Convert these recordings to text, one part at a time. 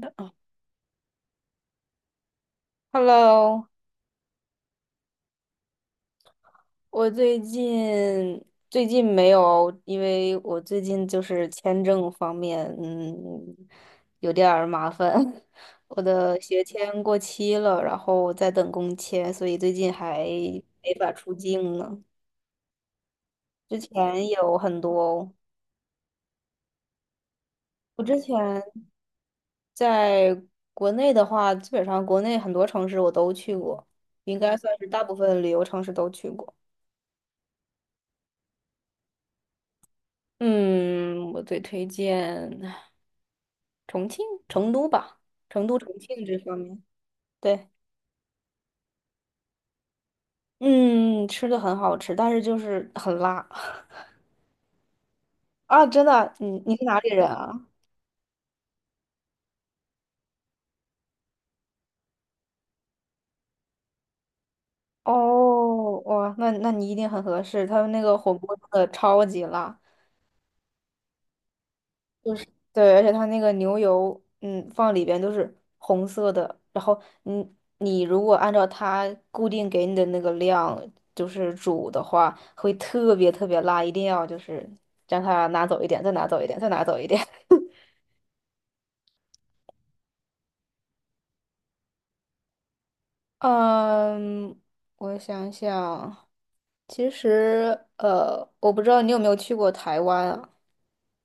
的哦，Hello，我最近没有，因为我最近就是签证方面，有点儿麻烦。我的学签过期了，然后在等工签，所以最近还没法出境呢。之前有很多，我之前在国内的话，基本上国内很多城市我都去过，应该算是大部分旅游城市都去过。嗯，我最推荐。重庆、成都吧，成都、重庆这方面，对，嗯，吃的很好吃，但是就是很辣 啊！真的，你是哪里人啊？哦，哇，那你一定很合适，他们那个火锅真的超级辣，就是对，而且他那个牛油，放里边都是红色的，然后你如果按照它固定给你的那个量，就是煮的话，会特别特别辣，一定要就是将它拿走一点，再拿走一点，再拿走一点。嗯，我想想，其实我不知道你有没有去过台湾啊？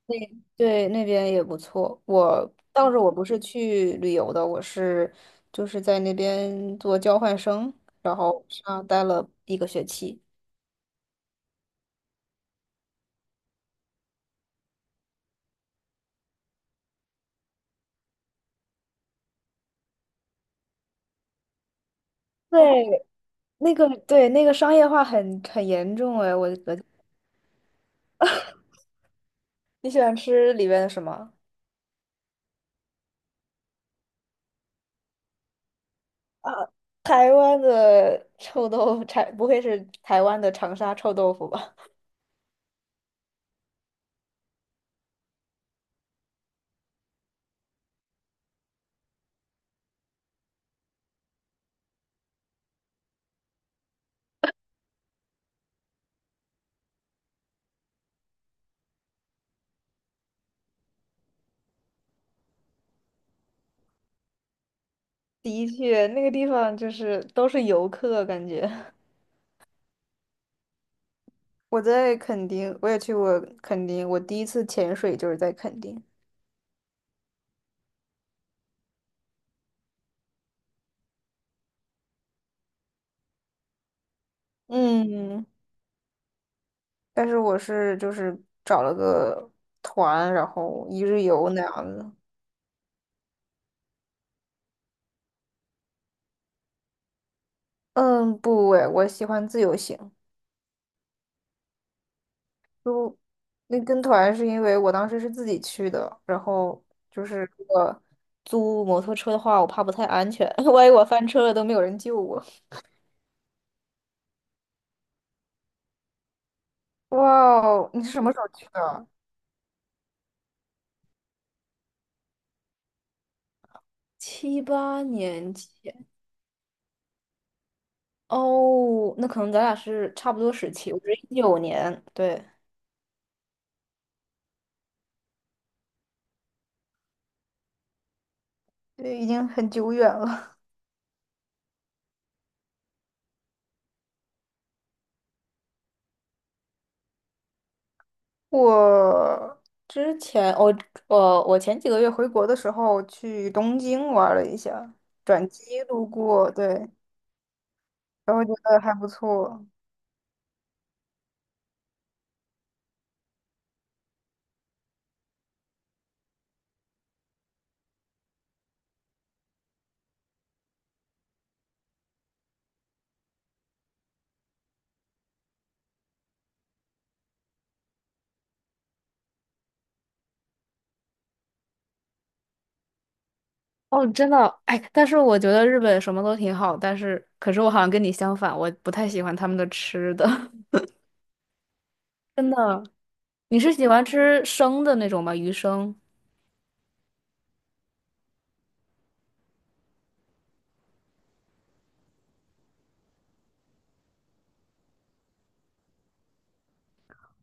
那对，那边也不错。我当时我不是去旅游的，我是就是在那边做交换生，上待了一个学期。对，那个对那个商业化很严重哎，你喜欢吃里边的什么？啊，台湾的臭豆腐，不会是台湾的长沙臭豆腐吧？的确，那个地方就是都是游客，感觉。我在垦丁，我也去过垦丁，我第一次潜水就是在垦丁。嗯，但是我是就是找了个团，然后一日游那样子。嗯，不诶，我喜欢自由行。就那跟团是因为我当时是自己去的，然后就是如果租摩托车的话，我怕不太安全，万一我翻车了都没有人救我。哇哦，你是什么时候去的？七八年前哦，那可能咱俩是差不多时期，我是2019年，对对，已经很久远了。我之前我我我前几个月回国的时候去东京玩了一下，转机路过，对，然后觉得还不错。哦，真的，哎，但是我觉得日本什么都挺好，但是可是我好像跟你相反，我不太喜欢他们的吃的，真的。你是喜欢吃生的那种吗？鱼生？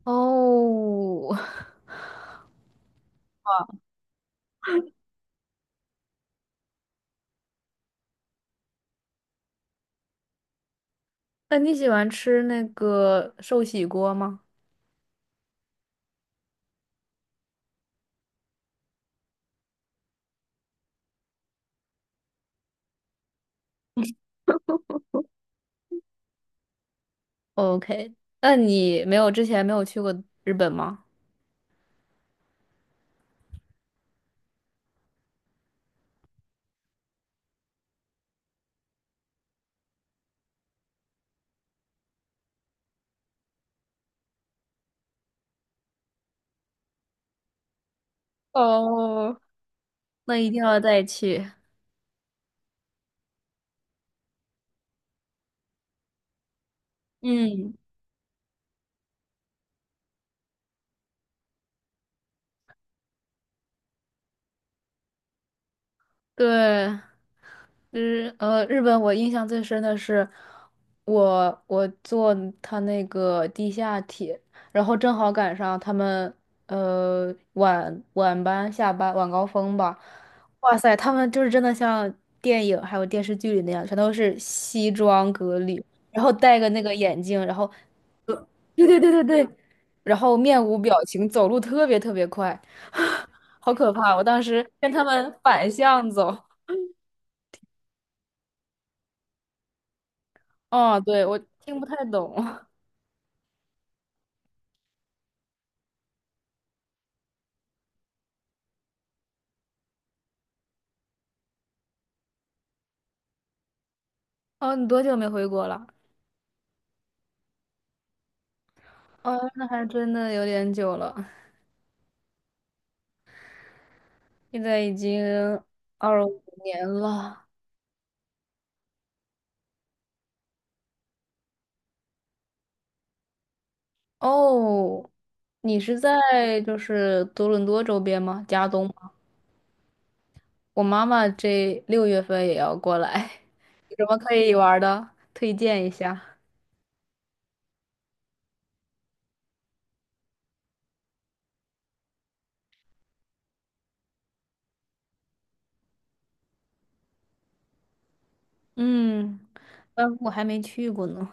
哦，那你喜欢吃那个寿喜锅吗？OK，那你没有之前没有去过日本吗？哦，那一定要再去。嗯。对，日本我印象最深的是我坐他那个地下铁，然后正好赶上他们晚班下班晚高峰吧，哇塞，他们就是真的像电影还有电视剧里那样，全都是西装革履，然后戴个那个眼镜，然后对对对对对，然后面无表情，走路特别特别快，好可怕！我当时跟他们反向走。哦，对，我听不太懂。哦，你多久没回国了？哦，那还真的有点久了，现在已经2025年了。哦，你是在就是多伦多周边吗？加东吗？我妈妈这六月份也要过来，有什么可以玩儿的？推荐一下。嗯，我还没去过呢。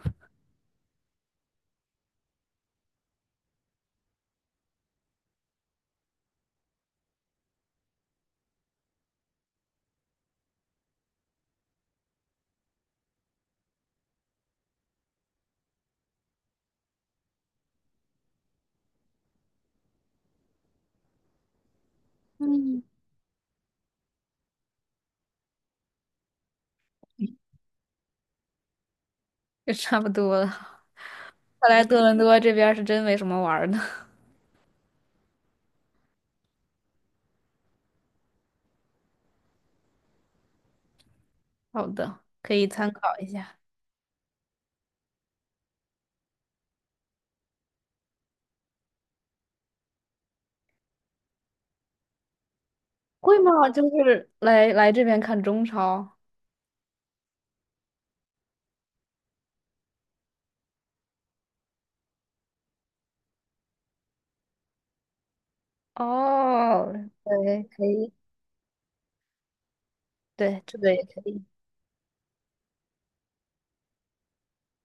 嗯，也差不多了。看来多伦多这边儿是真没什么玩儿的。好的，可以参考一下。会吗？就是来这边看中超。哦，对，可以，对，这个也可以。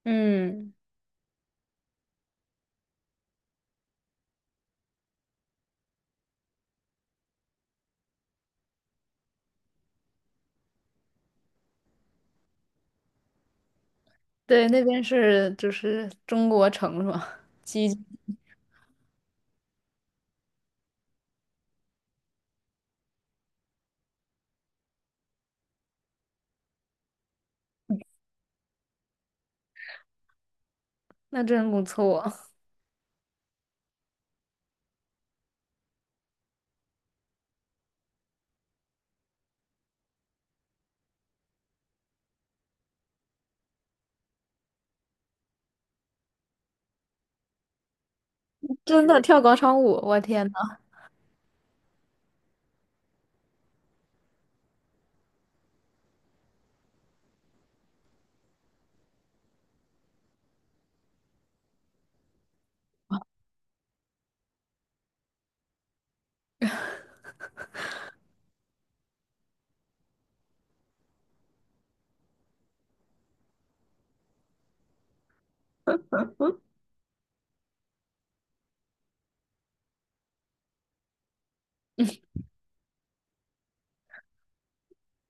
嗯，对，那边是就是中国城是吧？几，那真不错，真的跳广场舞，我天呐，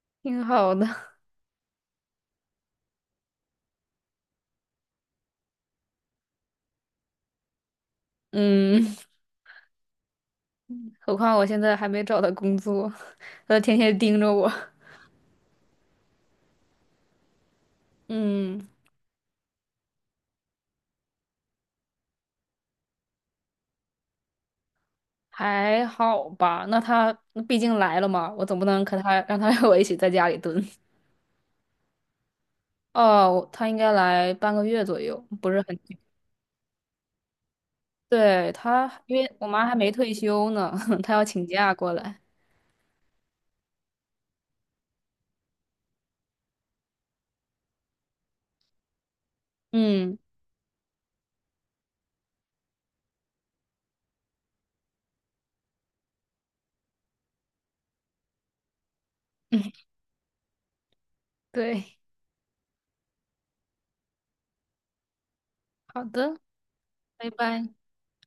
挺好的。嗯，何况我现在还没找到工作，他天天盯着我。嗯，还好吧。那他毕竟来了嘛，我总不能和他让他 和我一起在家里蹲。哦，他应该来半个月左右，不是很久。对，他，因为我妈还没退休呢，她要请假过来。嗯，对，好的，拜拜。